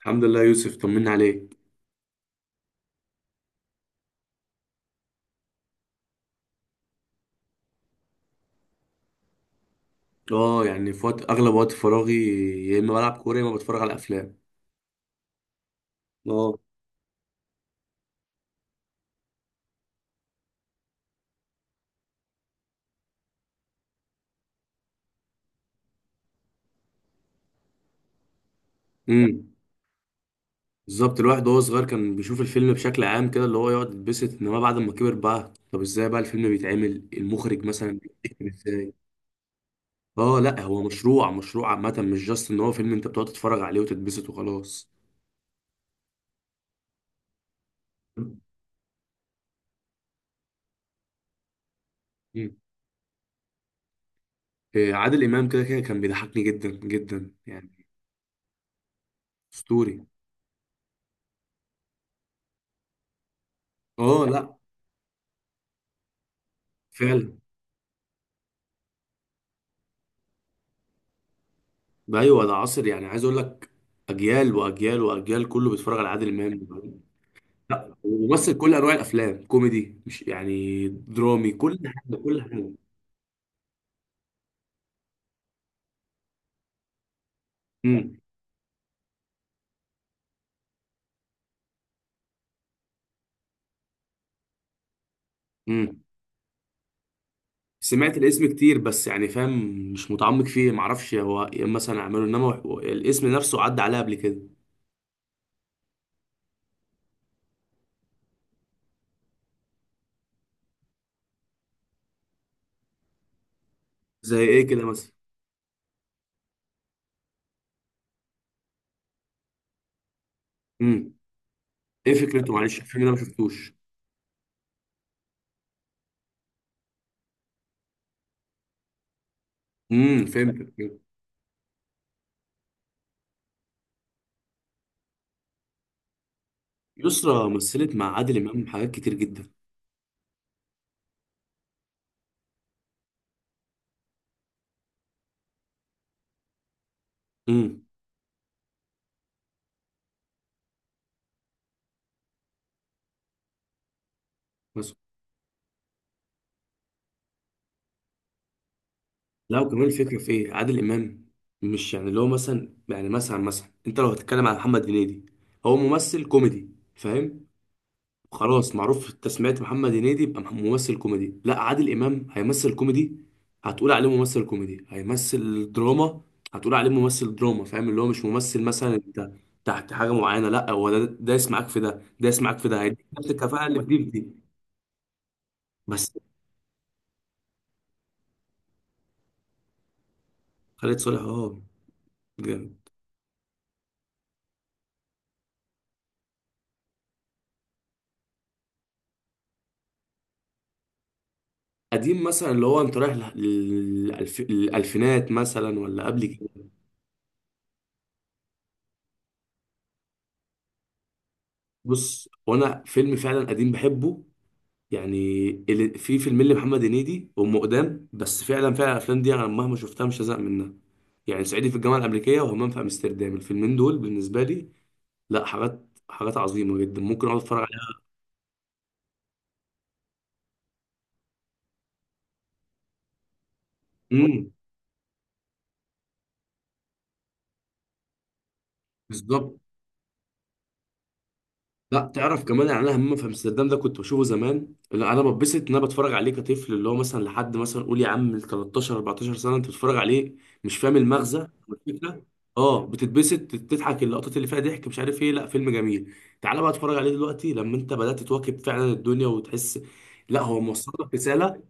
الحمد لله يوسف، طمنا عليك. اه يعني في وقت، اغلب وقت فراغي يا اما بلعب كوره يا اما بتفرج على افلام. اه. امم. بالظبط، الواحد وهو صغير كان بيشوف الفيلم بشكل عام كده، اللي هو يقعد يتبسط، انما بعد ما كبر بقى طب ازاي بقى الفيلم بيتعمل، المخرج مثلا بيكتب ازاي. اه لا، هو مشروع عامه، مش جاست ان هو فيلم انت بتقعد تتفرج عليه وتتبسط وخلاص. مم. إيه، عادل امام كده كده كان بيضحكني جدا جدا يعني. اسطوري. اه، لا. فعلا. ايوه ده عصر، يعني عايز اقول لك اجيال واجيال واجيال كله بيتفرج على عادل امام. لا، وممثل كل انواع الافلام، كوميدي، مش يعني درامي، كل حاجه كل حاجه. امم. امم، سمعت الاسم كتير بس يعني فاهم، مش متعمق فيه، معرفش هو إيه مثلا اعمله، انما هو- الاسم نفسه عدى عليا قبل كده. زي ايه كده مثلا؟ امم. ايه فكرته؟ معلش الفيلم ده ما شفتوش. امم، فهمت فهمت. يسرا مثلت مع عادل امام حاجات كتير جدا. امم. لا وكمان الفكرة في ايه عادل امام، مش يعني اللي هو مثلا يعني مثلا انت لو هتتكلم على محمد هنيدي، هو ممثل كوميدي، فاهم؟ خلاص معروف في التسميات، محمد هنيدي يبقى مح- ممثل كوميدي. لا، عادل امام هيمثل كوميدي هتقول عليه ممثل كوميدي، هيمثل دراما هتقول عليه ممثل دراما، فاهم؟ اللي هو مش ممثل مثلا انت تحت حاجة معينة، لا هو ده يسمعك في ده ده يسمعك في ده، هيديك نفس الكفاءة اللي في دي في دي. بس خالد صالح، اه. قديم مثلا اللي هو انت رايح للألف... للألفينات مثلا ولا قبل كده؟ بص، وانا فيلم فعلا قديم بحبه، يعني اللي في فيلم اللي محمد هنيدي، ام قدام، بس فعلا الافلام دي انا مهما شفتها مش هزهق منها، يعني صعيدي في الجامعه الامريكيه وهمام في امستردام، الفيلمين دول بالنسبه لي لا، حاجات عظيمه جدا ممكن اقعد اتفرج عليها. امم. بالظبط. لا تعرف كمان، يعني انا همام في امستردام ده كنت بشوفه زمان، لا انا بتبسط ان انا بتفرج عليه كطفل، اللي هو مثلا لحد مثلا قول يا عم 13 14 سنه، انت بتتفرج عليه مش فاهم المغزى والفكره. اه بتتبسط تضحك، اللقطات اللي فيها ضحك، مش عارف ايه، لا فيلم جميل. تعالى بقى اتفرج عليه دلوقتي لما انت بدات تواكب فعلا الدنيا وتحس، لا هو موصل لك رساله.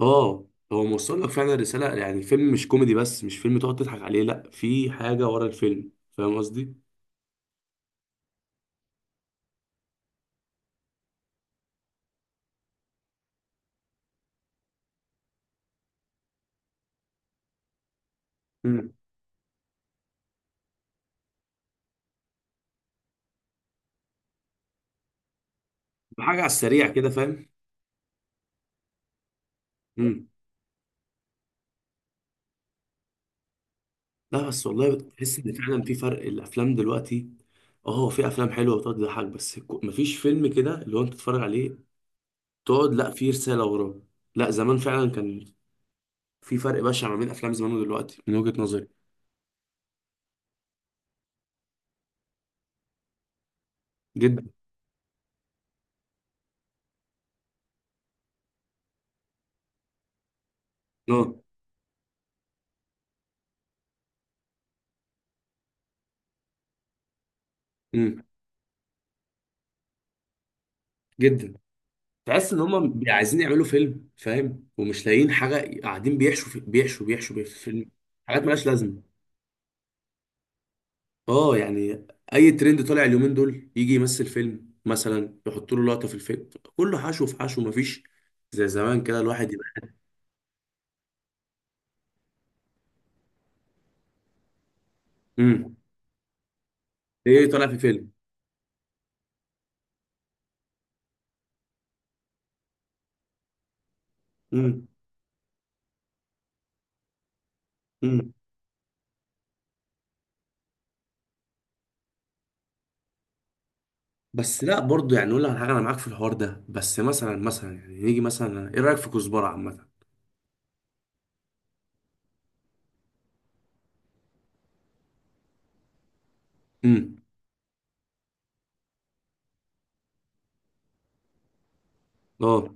اه هو موصل لك فعلا رساله، يعني الفيلم مش كوميدي بس، مش فيلم تقعد تضحك عليه، لا في حاجه ورا الفيلم، فاهم قصدي؟ مم. حاجه على السريع كده فاهم؟ مم. لا بس والله بتحس ان فعلا في فرق الافلام دلوقتي. اه هو في افلام حلوه بتقعد تضحك بس، كو- مفيش فيلم كده اللي هو انت تتفرج عليه تقعد، لا في رساله وراه. لا زمان فعلا كان في فرق بشع ما بين افلام زمان ودلوقتي من وجهه نظري. جدا. اه. امم. جدا. تحس ان هم عايزين يعملوا فيلم، فاهم، ومش لاقيين حاجه، قاعدين بيحشوا في الفيلم حاجات ملهاش لازمه. اه يعني اي ترند طالع اليومين دول يجي يمثل فيلم، مثلا يحط له لقطه في الفيلم، كله حشو في حشو، مفيش زي زمان كده الواحد يبقى. امم. ايه طالع في فيلم. امم. امم. بس لا برضه يعني نقول لك على حاجه، انا معاك في الحوار ده، بس مثلا مثلا يعني نيجي مثلا ايه رايك في كزبره عامه؟ امم. اه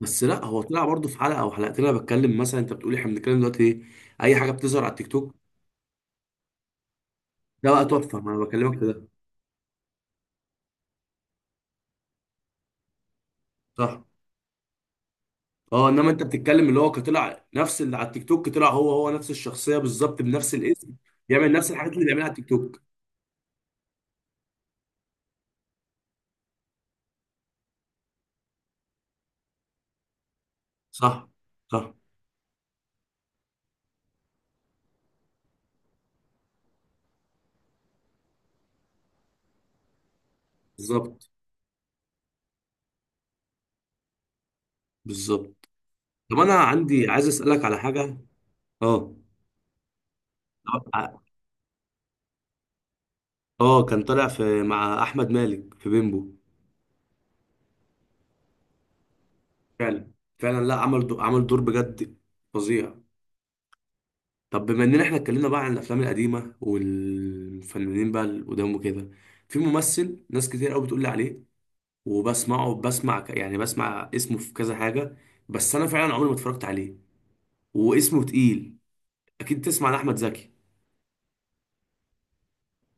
بس لا هو طلع برضه في حلقه او حلقتين، انا بتكلم مثلا انت بتقولي احنا بنتكلم دلوقتي، ايه اي حاجه بتظهر على التيك توك. ده بقى تحفه، ما انا بكلمك في ده. صح. اه، انما انت بتتكلم اللي هو كطلع نفس اللي على التيك توك، طلع هو نفس الشخصيه بالظبط بنفس الاسم، بيعمل نفس الحاجات اللي بيعملها على التيك توك. صح. صح. بالظبط. بالظبط. طب انا عندي عايز اسالك على حاجه. اه. اه. اه، كان طالع في مع احمد مالك في بيمبو. فعلا. فعلا، لا عمل دو... عمل دور بجد فظيع. طب بما اننا احنا اتكلمنا بقى عن الافلام القديمه والفنانين بقى اللي قدام وكده، في ممثل ناس كتير قوي بتقول لي عليه، وبسمعه بسمع ك- يعني بسمع اسمه في كذا حاجة، بس أنا فعلا عمري ما اتفرجت عليه، واسمه تقيل، أكيد تسمع عن أحمد زكي.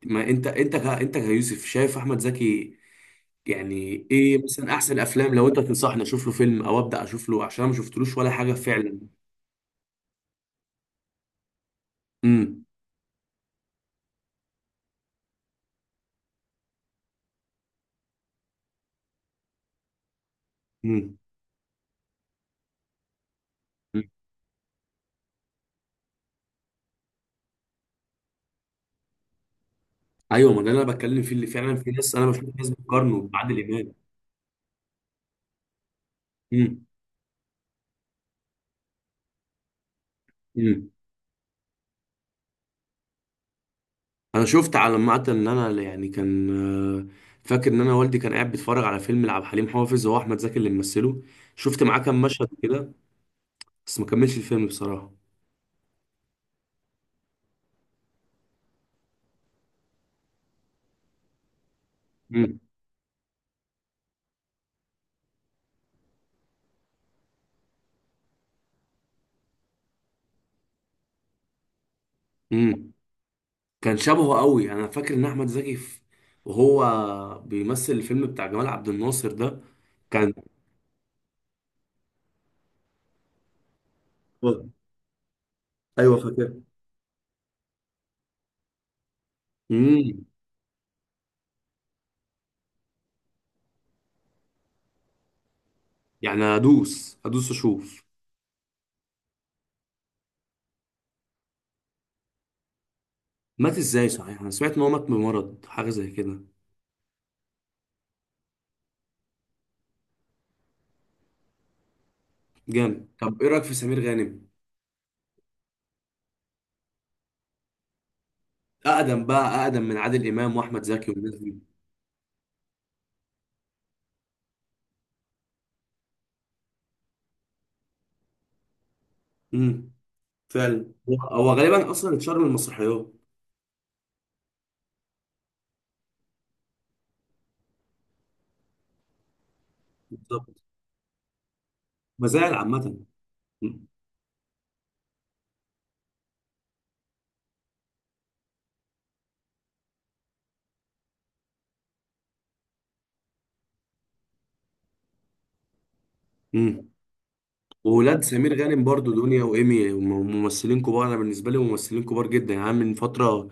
ما أنت ك... أنت كيوسف شايف أحمد زكي، يعني إيه مثلا أحسن الأفلام لو أنت تنصحني أشوف له فيلم أو أبدأ أشوف له، عشان أنا ما شفتلوش ولا حاجة فعلا. امم. امم. أمم. أيوه، ما ده اللي أنا بتكلم فيه، اللي فعلا في ناس، أنا بشوف ناس بتقارنه بعادل إمام. امم. امم. انا شفت على المعتل ان انا يعني كان، آه، فاكر ان انا والدي كان قاعد بيتفرج على فيلم لعبد الحليم حافظ هو احمد زكي اللي ممثله، شفت معاه كام مشهد كده بس ما كملش الفيلم بصراحه. امم. امم. كان شبهه قوي، انا فاكر ان احمد زكي في، وهو بيمثل الفيلم بتاع جمال عبد الناصر ده، كان. ايوه فاكر. امم. يعني هدوس هدوس اشوف. مات ازاي صحيح؟ انا سمعت ان هو مات بمرض حاجه زي كده. جامد. طب ايه رايك في سمير غانم؟ اقدم بقى، اقدم من عادل امام واحمد زكي والناس دي. امم. فعلا، هو هو غالبا اصلا اتشهر من المسرحيات. بالظبط. مزايا عامه. امم. وولاد سمير غانم برضو، دنيا وايمي، وم- ممثلين كبار، انا بالنسبه لي ممثلين كبار جدا، يعني من فتره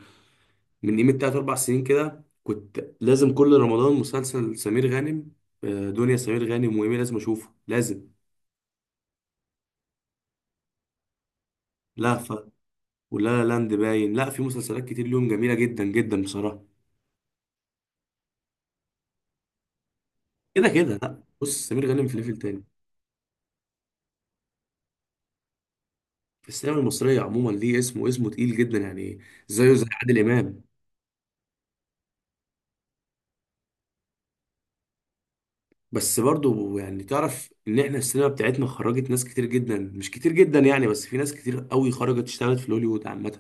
من قيمه تلات اربع سنين كده، كنت لازم كل رمضان مسلسل سمير غانم، دنيا سمير غانم وايمي، لازم اشوفه لازم. لهفة، ولا لا لاند باين، لا في مسلسلات كتير ليهم جميله جدا جدا بصراحه. كده كده، لا بص سمير غانم في ليفل تاني، السينما المصرية عموما ليه، اسمه اسمه تقيل جدا يعني، زيه زي عادل إمام. بس برضه يعني تعرف إن إحنا السينما بتاعتنا خرجت ناس كتير جدا، مش كتير جدا يعني، بس في ناس كتير قوي خرجت اشتغلت في هوليوود عامة.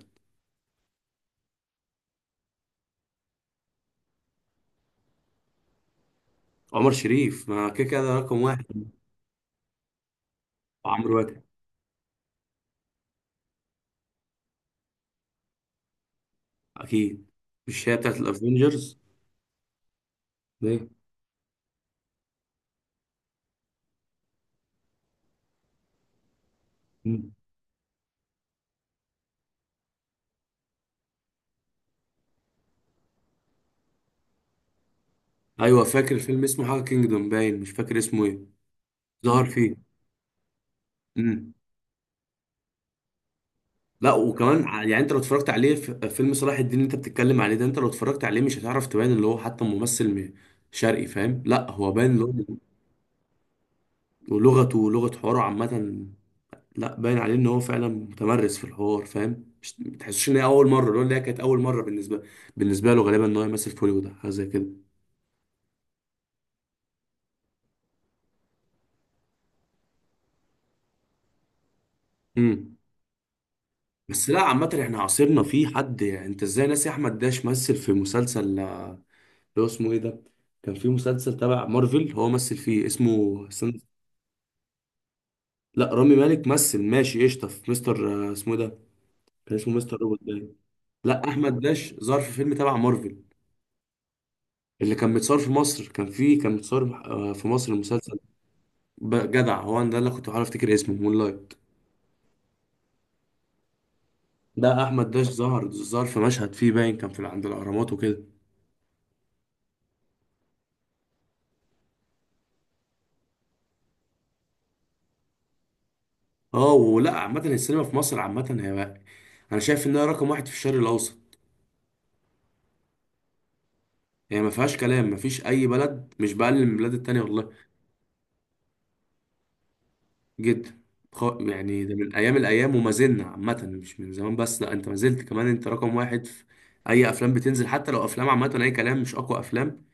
عمر شريف، ما كده كده ده رقم واحد. وعمرو واكد. أكيد. مش هي بتاعت الأفينجرز؟ ليه؟ مم. أيوه فاكر فيلم اسمه حاجة كينجدوم باين، مش فاكر اسمه إيه، ظهر فيه. مم. لا وكمان ع- يعني انت لو اتفرجت عليه في فيلم صلاح الدين اللي انت بتتكلم عليه ده، انت لو اتفرجت عليه مش هتعرف تبان اللي هو حتى ممثل م- شرقي، فاهم، لا هو باين اللي هو، ولغته ولغة حواره عامة، لا باين عليه ان هو فعلا متمرس في الحوار، فاهم، مش ما تحسش ان هي اول مرة، اللي هو اللي هي كانت اول مرة بالنسبة، بالنسبة له غالبا ان هو يمثل في هوليوود أو حاجة زي كده. امم. بس لا عامة احنا عاصرنا في حد، يعني انت ازاي ناسي احمد داش مثل في مسلسل، اللي هو اسمه ايه ده، كان في مسلسل تبع مارفل هو مثل فيه اسمه. لا رامي مالك مثل ماشي قشطه في مستر، اسمه إيه ده، كان اسمه مستر روبوت باين. لا احمد داش ظهر في فيلم تبع مارفل، اللي كان متصور في مصر، كان فيه كان متصور، في مصر المسلسل. ب- جدع هو، أنا ده اللي كنت بعرف افتكر اسمه مون لايت. ده احمد داش ظهر في مشهد فيه باين كان في ال- عند الاهرامات وكده. اه ولا عامه السينما في مصر عامه، هي بقى انا شايف انها رقم واحد في الشرق الاوسط. يعني ما فيهاش كلام، ما فيش اي بلد، مش بقلل من البلاد التانية والله. جدا. خ- يعني ده من ايام الايام، وما زلنا عامه، مش من زمان بس، لا انت ما زلت كمان، انت رقم واحد في اي افلام بتنزل، حتى لو افلام عامه اي كلام، مش اقوى افلام،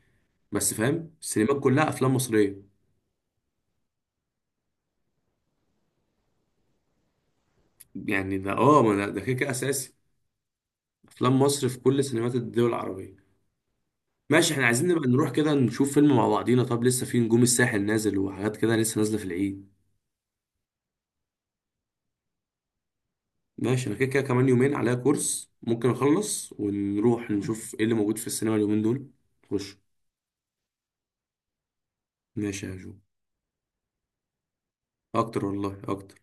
بس فاهم، السينمات كلها افلام مصريه. يعني ده اه، ما ده ده كده كده اساسي، افلام مصر في كل سينمات الدول العربيه. ماشي، احنا عايزين نبقى نروح كده نشوف فيلم مع بعضينا. طب لسه في نجوم الساحل نازل، وحاجات كده لسه نازله في العيد. ماشي، انا كده كده كمان يومين عليا كورس، ممكن اخلص ونروح نشوف ايه اللي موجود في السينما اليومين دول. خش. ماشي يا جو. اكتر والله اكتر.